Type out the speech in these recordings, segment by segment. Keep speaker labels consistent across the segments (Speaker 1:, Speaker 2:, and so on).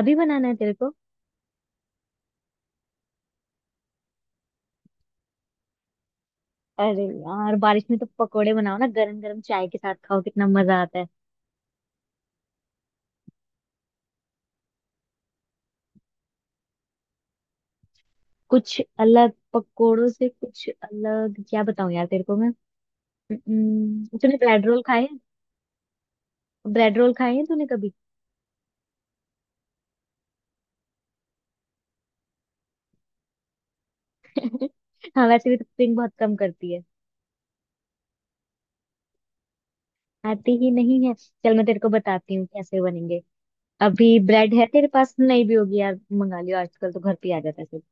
Speaker 1: अभी बनाना है तेरे को। अरे यार, बारिश में तो पकोड़े बनाओ ना, गरम गरम चाय के साथ खाओ, कितना मजा आता है। कुछ अलग पकोड़ों से कुछ अलग क्या बताऊं यार तेरे को मैं। तूने ब्रेड रोल खाए हैं? ब्रेड रोल खाए हैं तूने कभी? हाँ, वैसे भी तो कुकिंग बहुत कम करती है। आती ही नहीं है, चल मैं तेरे को बताती हूँ कैसे बनेंगे। अभी ब्रेड है तेरे पास? नहीं भी होगी यार, मंगा लियो, आजकल तो घर पे ही आ जाता है सब।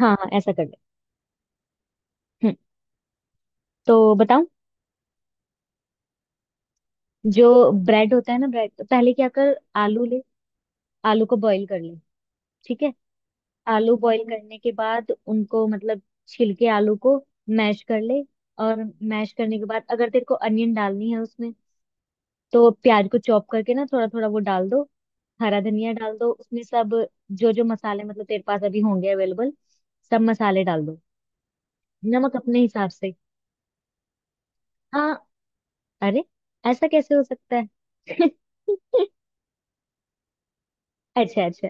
Speaker 1: हाँ हाँ, ऐसा कर ले। हम्म, तो बताऊं? जो ब्रेड होता है ना, ब्रेड, पहले क्या कर, आलू ले। आलू को बॉईल कर ले। ठीक है। आलू बॉईल करने के बाद उनको मतलब छिल के आलू को मैश कर ले। और मैश करने के बाद, अगर तेरे को अनियन डालनी है उसमें, तो प्याज को चॉप करके ना थोड़ा थोड़ा वो डाल दो। हरा धनिया डाल दो उसमें, सब जो जो मसाले मतलब तेरे पास अभी होंगे अवेलेबल, सब मसाले डाल दो, नमक अपने हिसाब से। हाँ। अरे, ऐसा कैसे हो सकता है? अच्छा अच्छा,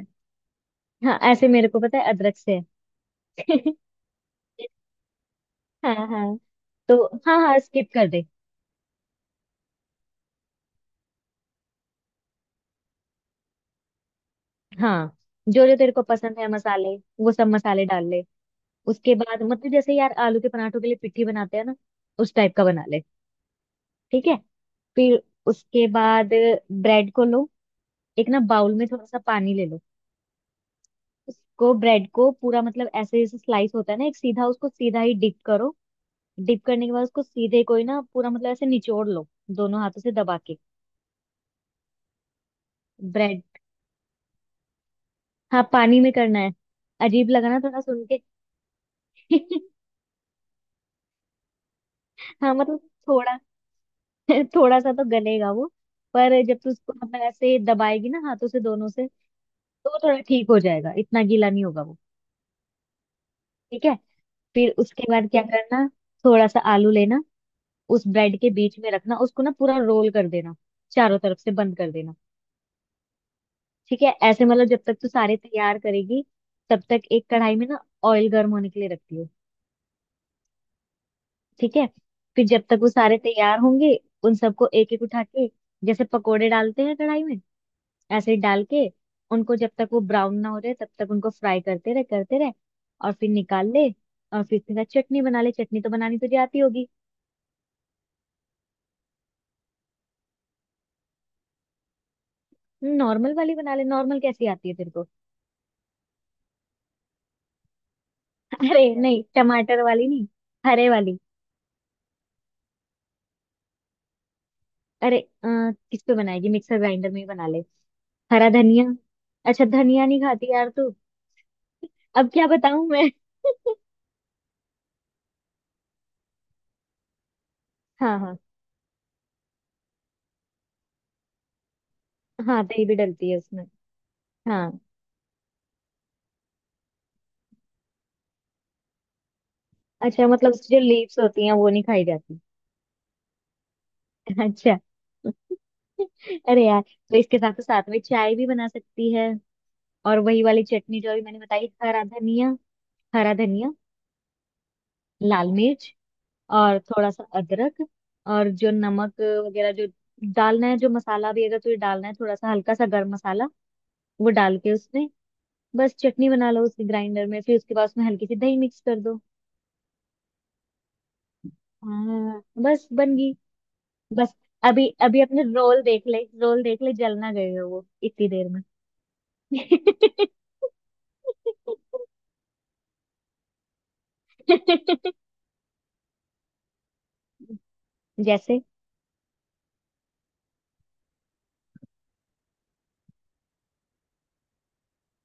Speaker 1: हाँ ऐसे मेरे को पता है, अदरक से है। हाँ हाँ, तो हाँ हाँ, स्किप कर दे। हाँ, जो जो तेरे को पसंद है मसाले, वो सब मसाले डाल ले। उसके बाद मतलब जैसे यार, आलू के पराठों के लिए पिट्ठी बनाते हैं ना, उस टाइप का बना ले। ठीक है, फिर उसके बाद ब्रेड को लो। एक ना बाउल में थोड़ा सा पानी ले लो। उसको ब्रेड को पूरा मतलब ऐसे जैसे स्लाइस होता है ना, एक सीधा, उसको सीधा ही डिप करो। डिप करने के बाद उसको सीधे कोई ना पूरा मतलब ऐसे निचोड़ लो, दोनों हाथों से दबा के। ब्रेड। हाँ, पानी में करना है। अजीब लगा ना थोड़ा सुन के? हाँ मतलब थोड़ा। थोड़ा सा तो गलेगा वो, पर जब तू उसको मतलब ऐसे दबाएगी ना हाथों से दोनों से, तो वो थोड़ा ठीक हो जाएगा, इतना गीला नहीं होगा वो। ठीक है, फिर उसके बाद क्या करना, थोड़ा सा आलू लेना, उस ब्रेड के बीच में रखना, उसको ना पूरा रोल कर देना, चारों तरफ से बंद कर देना। ठीक है, ऐसे मतलब जब तक तू सारे तैयार करेगी, तब तक एक कढ़ाई में ना ऑयल गर्म होने के लिए रखती हो। ठीक है, फिर जब तक वो सारे तैयार होंगे, उन सबको एक एक उठा के, जैसे पकोड़े डालते हैं कढ़ाई में, एसिड डाल के, उनको जब तक वो ब्राउन ना हो रहे तब तक उनको फ्राई करते रहे करते रहे। और फिर निकाल ले। और फिर तेरा चटनी बना ले, चटनी तो बनानी तुझे आती होगी। नॉर्मल वाली बना ले, नॉर्मल कैसी आती है तेरे को? अरे नहीं, टमाटर वाली नहीं, हरे वाली। अरे। अ, किस पे बनाएगी? मिक्सर ग्राइंडर में ही बना ले। हरा धनिया। अच्छा, धनिया नहीं खाती यार तू? अब क्या बताऊं मैं? हाँ हाँ। हाँ दही भी डलती है उसमें। हाँ। अच्छा, मतलब उसकी जो लीव्स होती हैं वो नहीं खाई जाती? अच्छा। अरे यार, तो इसके साथ तो साथ में चाय भी बना सकती है, और वही वाली चटनी जो अभी मैंने बताई, हरा धनिया। हरा धनिया, लाल मिर्च और थोड़ा सा अदरक, और जो नमक वगैरह जो डालना है, जो मसाला भी अगर तुझे डालना है थोड़ा सा, हल्का सा गर्म मसाला, वो डाल के उसमें बस चटनी बना लो उसकी ग्राइंडर में, फिर उसके बाद उसमें हल्की सी दही मिक्स कर दो। हाँ बस बन गई। बस अभी अभी अपने रोल देख ले, रोल देख ले, जल ना गए हो वो इतनी देर में। जैसे।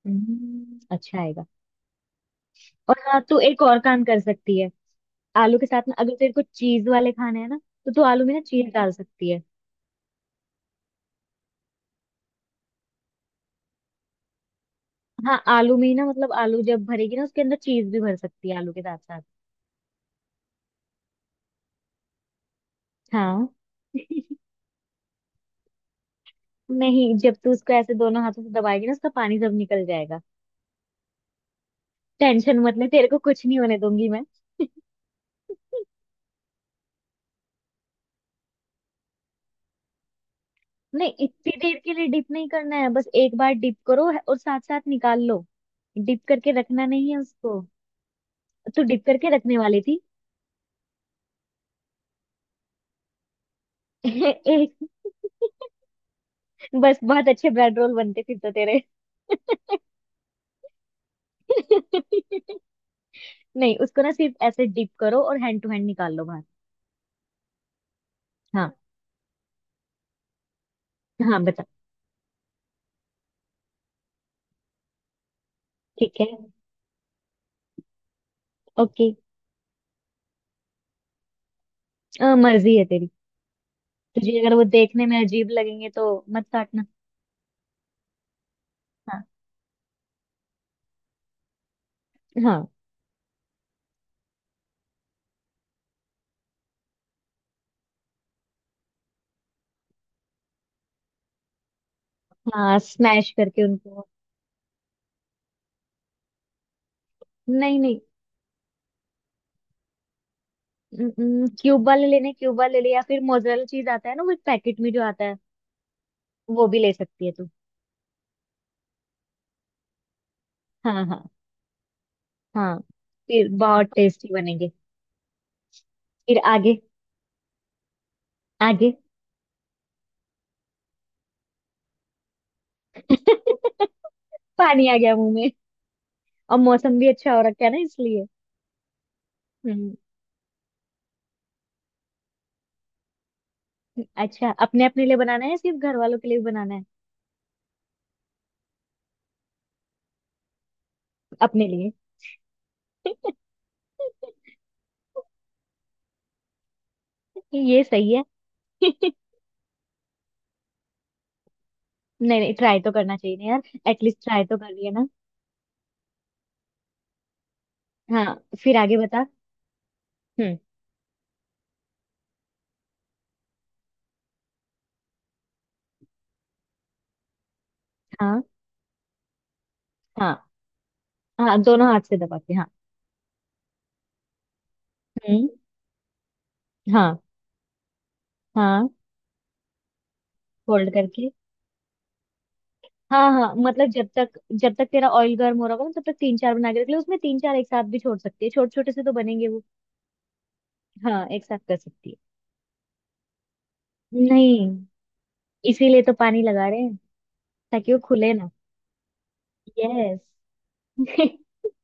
Speaker 1: अच्छा आएगा। और हाँ, तू एक और काम कर सकती है, आलू के साथ में अगर तेरे को चीज वाले खाने हैं ना, तो तू आलू में ना चीज डाल सकती है। हाँ, आलू में ही ना मतलब आलू जब भरेगी ना उसके अंदर, चीज भी भर सकती है आलू के साथ साथ। हाँ। नहीं, जब तू उसको ऐसे दोनों हाथों से दबाएगी ना, उसका पानी सब निकल जाएगा। टेंशन मत ले, तेरे को कुछ नहीं होने दूंगी मैं। नहीं, इतनी देर के लिए डिप नहीं करना है, बस एक बार डिप करो और साथ साथ निकाल लो। डिप करके रखना नहीं है उसको। तो डिप करके रखने वाली थी? एक। बस बहुत अच्छे ब्रेड रोल बनते फिर तो तेरे। नहीं, उसको ना सिर्फ ऐसे डिप करो और हैंड टू हैंड निकाल लो बाहर। हाँ हाँ, बता। ठीक है। ओके। मर्जी है तेरी। तुझे अगर वो देखने में अजीब लगेंगे तो मत काटना। हाँ हाँ हाँ, स्मैश करके उनको। नहीं नहीं, क्यूब वाले लेने, क्यूब वाले ले, या फिर मोजरेला चीज आता है ना वो एक पैकेट में जो आता है, वो भी ले सकती है तू। हाँ हाँ हाँ, फिर बहुत टेस्टी बनेंगे। फिर आगे। आगे। पानी आ गया मुंह में। और मौसम भी अच्छा हो रखा है ना, इसलिए। हम्म अच्छा, अपने अपने लिए बनाना है या सिर्फ घर वालों के लिए भी बनाना है? अपने लिए। ये सही है। नहीं नहीं, ट्राई तो करना चाहिए ना यार। एटलीस्ट ट्राई तो कर लिया ना। हाँ, फिर आगे बता। हम्म। हाँ हाँ हाँ, दोनों हाथ से दबा के। हम्म। हाँ हाँ, फोल्ड करके। हाँ हाँ, मतलब जब तक तेरा ऑयल गर्म हो रहा होगा ना, तब तक तीन चार बना के रख ले, उसमें तीन चार एक साथ भी छोड़ सकती है, छोटे छोटे से तो बनेंगे वो। हाँ एक साथ कर सकती है। नहीं, इसीलिए तो पानी लगा रहे हैं, ताकि वो खुले ना। यस।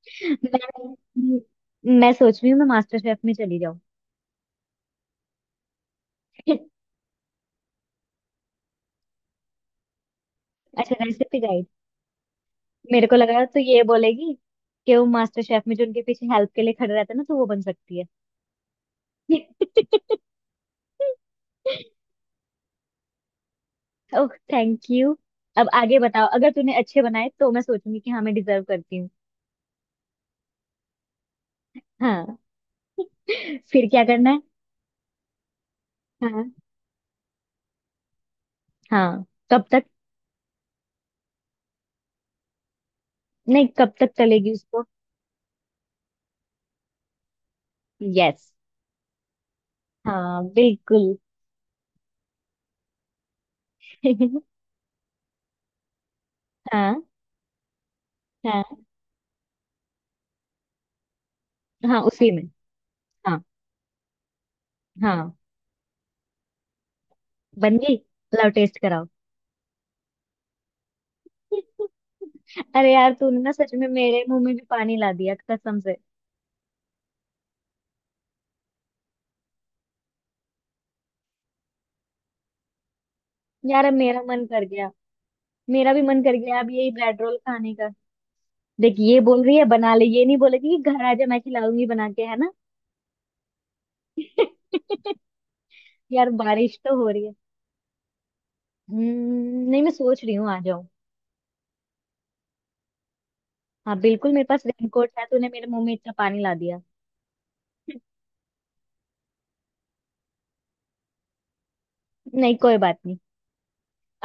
Speaker 1: मैं मैं सोच रही हूँ मैं मास्टर शेफ में चली जाऊँ। अच्छा, रेसिपी गाइड। मेरे को लगा तो ये बोलेगी कि वो मास्टर शेफ में जो उनके पीछे हेल्प के लिए खड़े रहते हैं ना, तो वो बन सकती है। ओह, थैंक यू। अब आगे बताओ, अगर तूने अच्छे बनाए तो मैं सोचूंगी कि हाँ मैं डिजर्व करती हूँ। हाँ। फिर क्या करना है? हाँ हाँ। कब तक? नहीं, कब तक चलेगी उसको? यस। हाँ बिल्कुल। हाँ हाँ हाँ, उसी में। हाँ हाँ बन गई। लाओ टेस्ट कराओ। अरे यार, तूने ना सच में मेरे मुंह में भी पानी ला दिया कसम से। यार, अब मेरा मन कर गया। मेरा भी मन कर गया अब यही ब्रेड रोल खाने। देख, ये बोल रही है बना ले, ये नहीं बोलेगी कि घर आजा मैं खिलाऊंगी बना के, है ना? यार, बारिश तो हो रही है। नहीं मैं सोच रही हूँ आ जाऊँ। हाँ बिल्कुल, मेरे पास रेनकोट है, तूने मेरे मुंह में इतना पानी ला दिया। नहीं, कोई बात नहीं।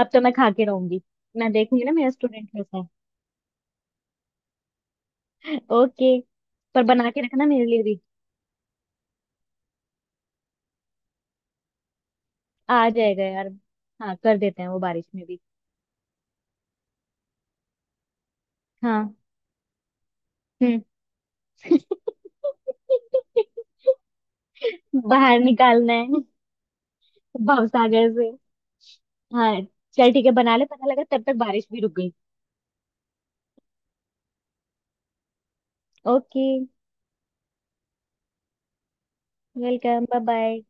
Speaker 1: अब तो मैं खा के रहूंगी। मैं देखूंगी ना मेरा स्टूडेंट कैसा है। ओके, पर बना के रखना मेरे लिए भी। आ जाएगा यार। हाँ, कर देते हैं वो बारिश में भी। हाँ। हम्म। बाहर निकालना है। भवसागर। हाँ। चल ठीक है, बना ले, पता लगा तब तक बारिश भी रुक गई। Okay, welcome, bye bye.